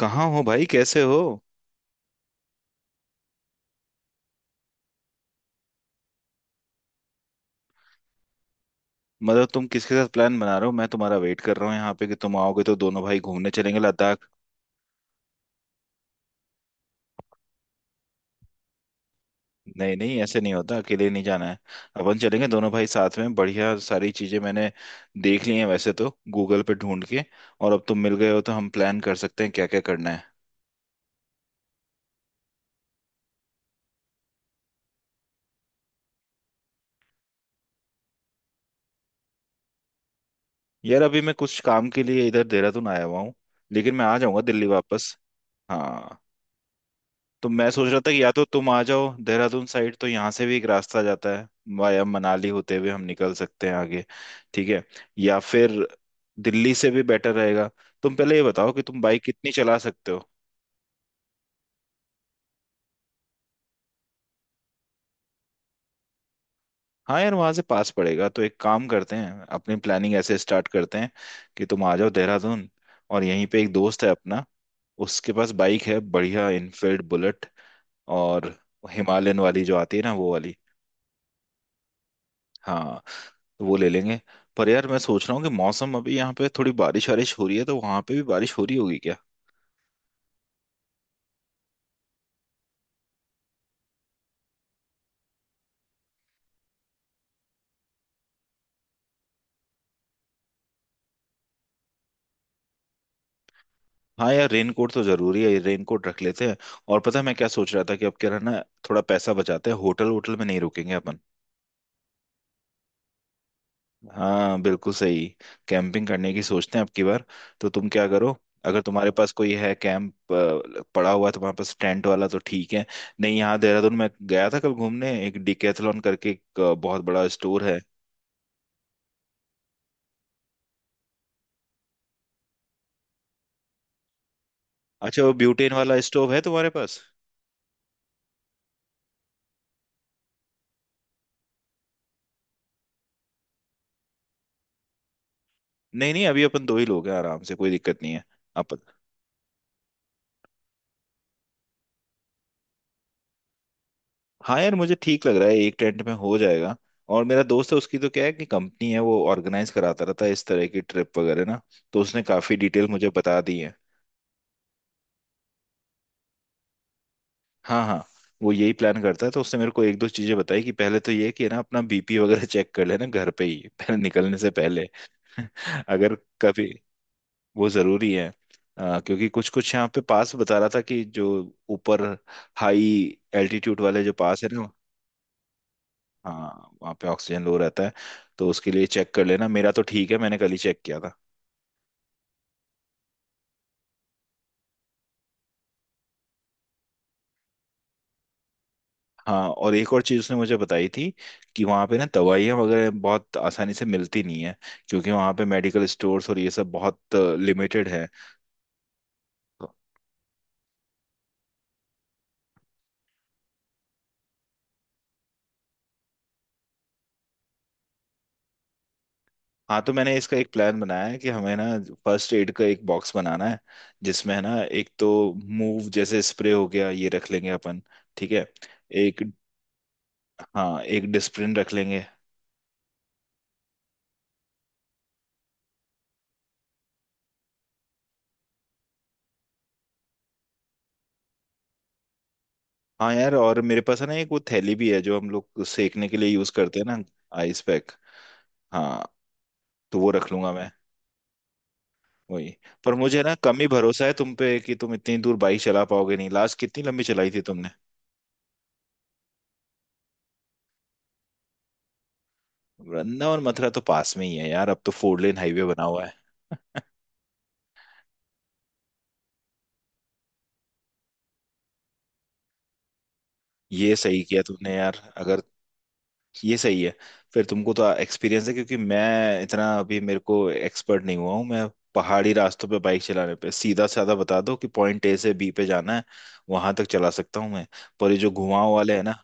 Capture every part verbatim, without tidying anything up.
कहाँ हो भाई, कैसे हो। मतलब तुम किसके साथ प्लान बना रहे हो। मैं तुम्हारा वेट कर रहा हूँ यहाँ पे कि तुम आओगे तो दोनों भाई घूमने चलेंगे, लद्दाख। नहीं नहीं, ऐसे नहीं होता, अकेले नहीं जाना है। अपन चलेंगे दोनों भाई साथ में। बढ़िया, सारी चीजें मैंने देख ली हैं वैसे तो, गूगल पे ढूंढ के। और अब तुम मिल गए हो तो हम प्लान कर सकते हैं क्या क्या करना है। यार, अभी मैं कुछ काम के लिए इधर देहरादून आया हुआ हूँ, लेकिन मैं आ जाऊंगा दिल्ली वापस। हाँ। तो मैं सोच रहा था कि या तो तुम आ जाओ देहरादून साइड, तो यहाँ से भी एक रास्ता जाता है, वाया मनाली होते हुए हम निकल सकते हैं आगे। ठीक है। या फिर दिल्ली से भी बेटर रहेगा। तुम पहले ये बताओ कि तुम बाइक कितनी चला सकते हो। हाँ यार, वहां से पास पड़ेगा, तो एक काम करते हैं, अपनी प्लानिंग ऐसे स्टार्ट करते हैं कि तुम आ जाओ देहरादून। और यहीं पे एक दोस्त है अपना, उसके पास बाइक है, बढ़िया इनफील्ड बुलेट। और हिमालयन वाली जो आती है ना, वो वाली। हाँ, तो वो ले लेंगे। पर यार मैं सोच रहा हूँ कि मौसम, अभी यहाँ पे थोड़ी बारिश वारिश हो रही है, तो वहां पे भी बारिश हो रही होगी क्या। हाँ यार, रेनकोट तो जरूरी है, रेनकोट रख लेते हैं। और पता है मैं क्या सोच रहा था, कि अब क्या रहना, थोड़ा पैसा बचाते हैं, होटल होटल में नहीं रुकेंगे अपन। हाँ बिल्कुल सही, कैंपिंग करने की सोचते हैं अब की बार। तो तुम क्या करो, अगर तुम्हारे पास कोई है, कैंप पड़ा हुआ है तुम्हारे पास, टेंट वाला, तो ठीक है। नहीं, यहाँ देहरादून में गया था कल घूमने, एक डिकैथलॉन करके एक अ, बहुत बड़ा स्टोर है। अच्छा, वो ब्यूटेन वाला स्टोव है तुम्हारे पास। नहीं नहीं, अभी अपन दो ही लोग हैं, आराम से, कोई दिक्कत नहीं है। आप। हाँ यार, मुझे ठीक लग रहा है, एक टेंट में हो जाएगा। और मेरा दोस्त है, उसकी तो क्या है कि कंपनी है, वो ऑर्गेनाइज कराता रहता है इस तरह की ट्रिप वगैरह ना, तो उसने काफी डिटेल मुझे बता दी है। हाँ हाँ। वो यही प्लान करता है, तो उसने मेरे को एक दो चीजें बताई, कि पहले तो ये कि ना अपना बी पी वगैरह चेक कर लेना, घर पे ही, पहले निकलने से पहले। अगर कभी, वो जरूरी है। अ, क्योंकि कुछ कुछ यहाँ पे पास बता रहा था, कि जो ऊपर हाई एल्टीट्यूड वाले जो पास है ना। हाँ, वहाँ पे ऑक्सीजन लो रहता है, तो उसके लिए चेक कर लेना। मेरा तो ठीक है, मैंने कल ही चेक किया था। हाँ। और एक और चीज़ उसने मुझे बताई थी, कि वहाँ पे ना दवाइयाँ वगैरह बहुत आसानी से मिलती नहीं है, क्योंकि वहाँ पे मेडिकल स्टोर्स और ये सब बहुत लिमिटेड है। हाँ, तो मैंने इसका एक प्लान बनाया है, कि हमें ना फर्स्ट एड का एक बॉक्स बनाना है, जिसमें है ना, एक तो मूव जैसे स्प्रे हो गया, ये रख लेंगे अपन, ठीक है। एक, हाँ, एक डिस्प्रिन रख लेंगे। हाँ यार, और मेरे पास है ना एक वो थैली भी है जो हम लोग सेकने के लिए यूज करते हैं ना। Ice pack. हाँ, तो वो रख लूंगा मैं। वही। पर मुझे ना कम ही भरोसा है तुम पे कि तुम इतनी दूर बाइक चला पाओगे, नहीं लास्ट कितनी लंबी चलाई थी तुमने। वृंदावन मथुरा तो पास में ही है यार, अब तो फोर लेन हाईवे बना हुआ है। ये सही किया तुमने यार, अगर। ये सही है। फिर तुमको तो एक्सपीरियंस है, क्योंकि मैं इतना, अभी मेरे को एक्सपर्ट नहीं हुआ हूँ मैं पहाड़ी रास्तों पे बाइक चलाने पे। सीधा साधा बता दो कि पॉइंट ए से बी पे जाना है, वहां तक चला सकता हूँ मैं। पर ये जो घुमाव वाले है ना।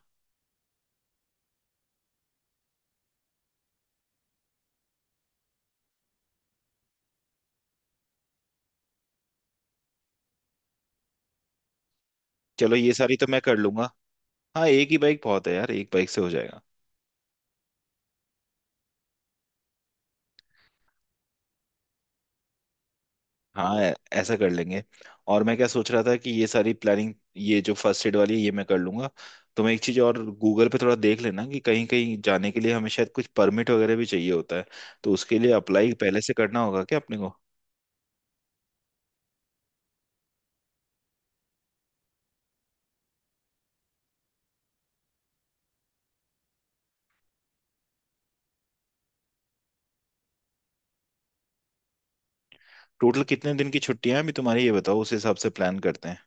चलो, ये सारी तो मैं कर लूंगा। हाँ एक ही बाइक बहुत है यार, एक बाइक से हो जाएगा। हाँ, ऐ- ऐसा कर लेंगे। और मैं क्या सोच रहा था, कि ये सारी प्लानिंग, ये जो फर्स्ट एड वाली है, ये मैं कर लूंगा। तुम्हें एक चीज और गूगल पे थोड़ा देख लेना, कि कहीं कहीं जाने के लिए हमें शायद कुछ परमिट वगैरह भी चाहिए होता है, तो उसके लिए अप्लाई पहले से करना होगा क्या अपने को। टोटल कितने दिन की छुट्टियां हैं अभी तुम्हारी, ये बताओ, उस हिसाब से प्लान करते हैं।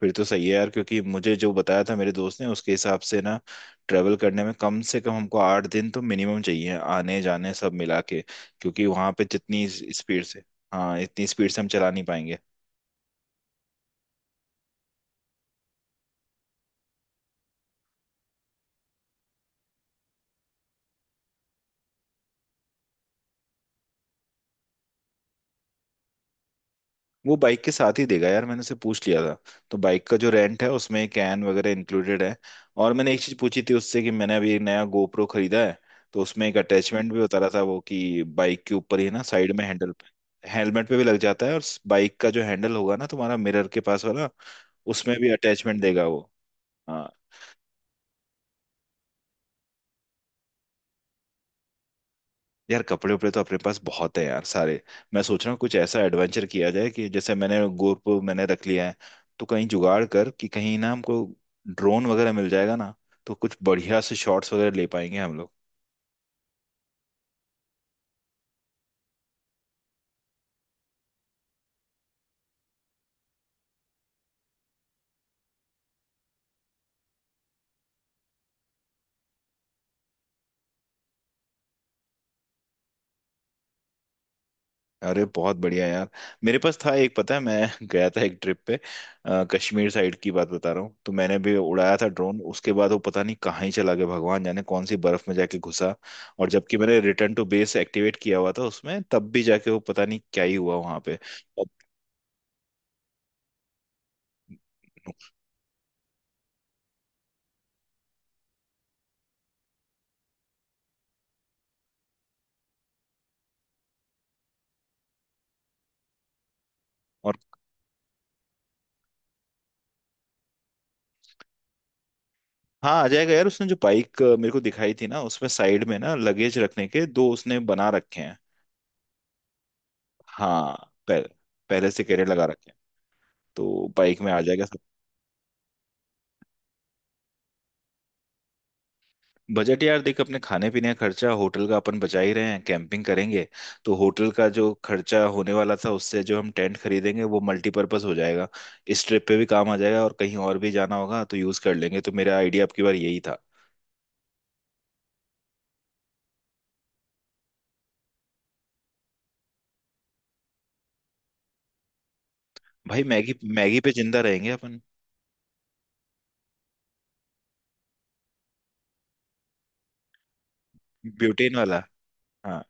फिर तो सही है यार, क्योंकि मुझे जो बताया था मेरे दोस्त ने, उसके हिसाब से ना ट्रेवल करने में कम से कम हमको आठ दिन तो मिनिमम चाहिए, आने जाने सब मिला के। क्योंकि वहां पे जितनी स्पीड से, हाँ इतनी स्पीड से हम चला नहीं पाएंगे। वो बाइक के साथ ही देगा यार, मैंने उससे पूछ लिया था। तो बाइक का जो रेंट है, उसमें कैन वगैरह इंक्लूडेड है। और मैंने एक चीज पूछी थी उससे, कि मैंने अभी एक नया गोप्रो खरीदा है, तो उसमें एक अटैचमेंट भी बता रहा था वो, कि बाइक के ऊपर ही ना, साइड में, हैंडल पे, हेलमेट पे भी लग जाता है। और बाइक का जो हैंडल होगा ना तुम्हारा, मिरर के पास वाला, उसमें भी अटैचमेंट देगा वो। हाँ यार, कपड़े उपड़े तो अपने पास बहुत है यार, सारे। मैं सोच रहा हूँ कुछ ऐसा एडवेंचर किया जाए कि, जैसे मैंने गोप मैंने रख लिया है, तो कहीं जुगाड़ कर कि कहीं ना हमको ड्रोन वगैरह मिल जाएगा ना, तो कुछ बढ़िया से शॉट्स वगैरह ले पाएंगे हम लोग। अरे बहुत बढ़िया यार। मेरे पास था एक, पता है, मैं गया था एक ट्रिप पे, अ, कश्मीर साइड की बात बता रहा हूँ। तो मैंने भी उड़ाया था ड्रोन, उसके बाद वो पता नहीं कहाँ ही चला गया, भगवान जाने कौन सी बर्फ में जाके घुसा। और जबकि मैंने रिटर्न टू बेस एक्टिवेट किया हुआ था उसमें, तब भी जाके वो पता नहीं क्या ही हुआ वहां पे। और और हाँ, आ जाएगा यार, उसने जो बाइक मेरे को दिखाई थी ना, उसमें साइड में ना लगेज रखने के दो उसने बना रखे हैं। हाँ, पह, पहले से कैरियर लगा रखे हैं, तो बाइक में आ जाएगा। बजट, यार देख, अपने खाने पीने का खर्चा, होटल का अपन बचा ही रहे हैं, कैंपिंग करेंगे, तो होटल का जो खर्चा होने वाला था, उससे जो हम टेंट खरीदेंगे वो मल्टीपर्पज हो जाएगा। इस ट्रिप पे भी काम आ जाएगा और कहीं और भी जाना होगा तो यूज कर लेंगे। तो मेरा आइडिया आपकी बार यही था। भाई, मैगी मैगी पे जिंदा रहेंगे अपन। ब्यूटेन वाला। हाँ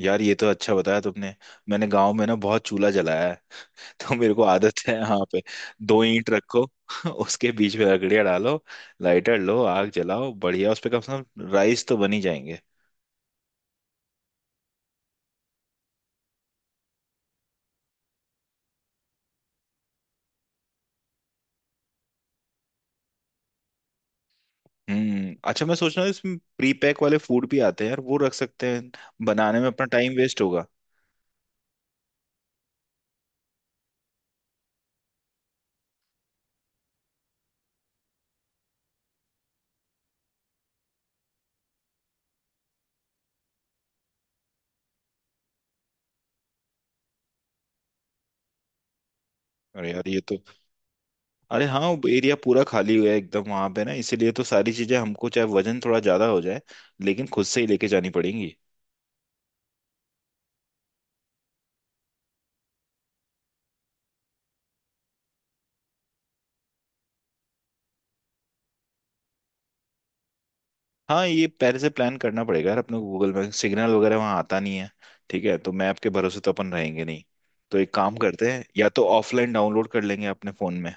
यार ये तो अच्छा बताया तुमने। मैंने गांव में ना बहुत चूल्हा जलाया है, तो मेरे को आदत है। यहाँ पे दो ईंट रखो, उसके बीच में लकड़ियाँ डालो, लाइटर लो, आग जलाओ, बढ़िया उस पे कम से कम राइस तो बन ही जाएंगे। हम्म, अच्छा, मैं सोच रहा हूँ इसमें प्री पैक वाले फूड भी आते हैं यार, वो रख सकते हैं, बनाने में अपना टाइम वेस्ट होगा। अरे यार ये तो अरे हाँ, वो एरिया पूरा खाली हुआ है एकदम वहां पे ना। इसीलिए तो सारी चीजें हमको, चाहे वजन थोड़ा ज्यादा हो जाए लेकिन, खुद से ही लेके जानी पड़ेंगी। हाँ, ये पहले से प्लान करना पड़ेगा यार अपने को। गूगल में सिग्नल वगैरह वहाँ आता नहीं है, ठीक है। तो मैप के भरोसे तो अपन रहेंगे नहीं। तो एक काम करते हैं, या तो ऑफलाइन डाउनलोड कर लेंगे अपने फोन में।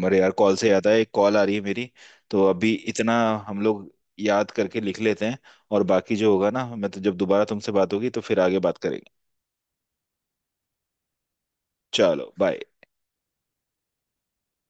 मरे यार, कॉल से याद आया, एक कॉल आ रही है मेरी, तो अभी इतना हम लोग याद करके लिख लेते हैं। और बाकी जो होगा ना, मैं तो जब दोबारा तुमसे बात होगी तो फिर आगे बात करेंगे। चलो बाय।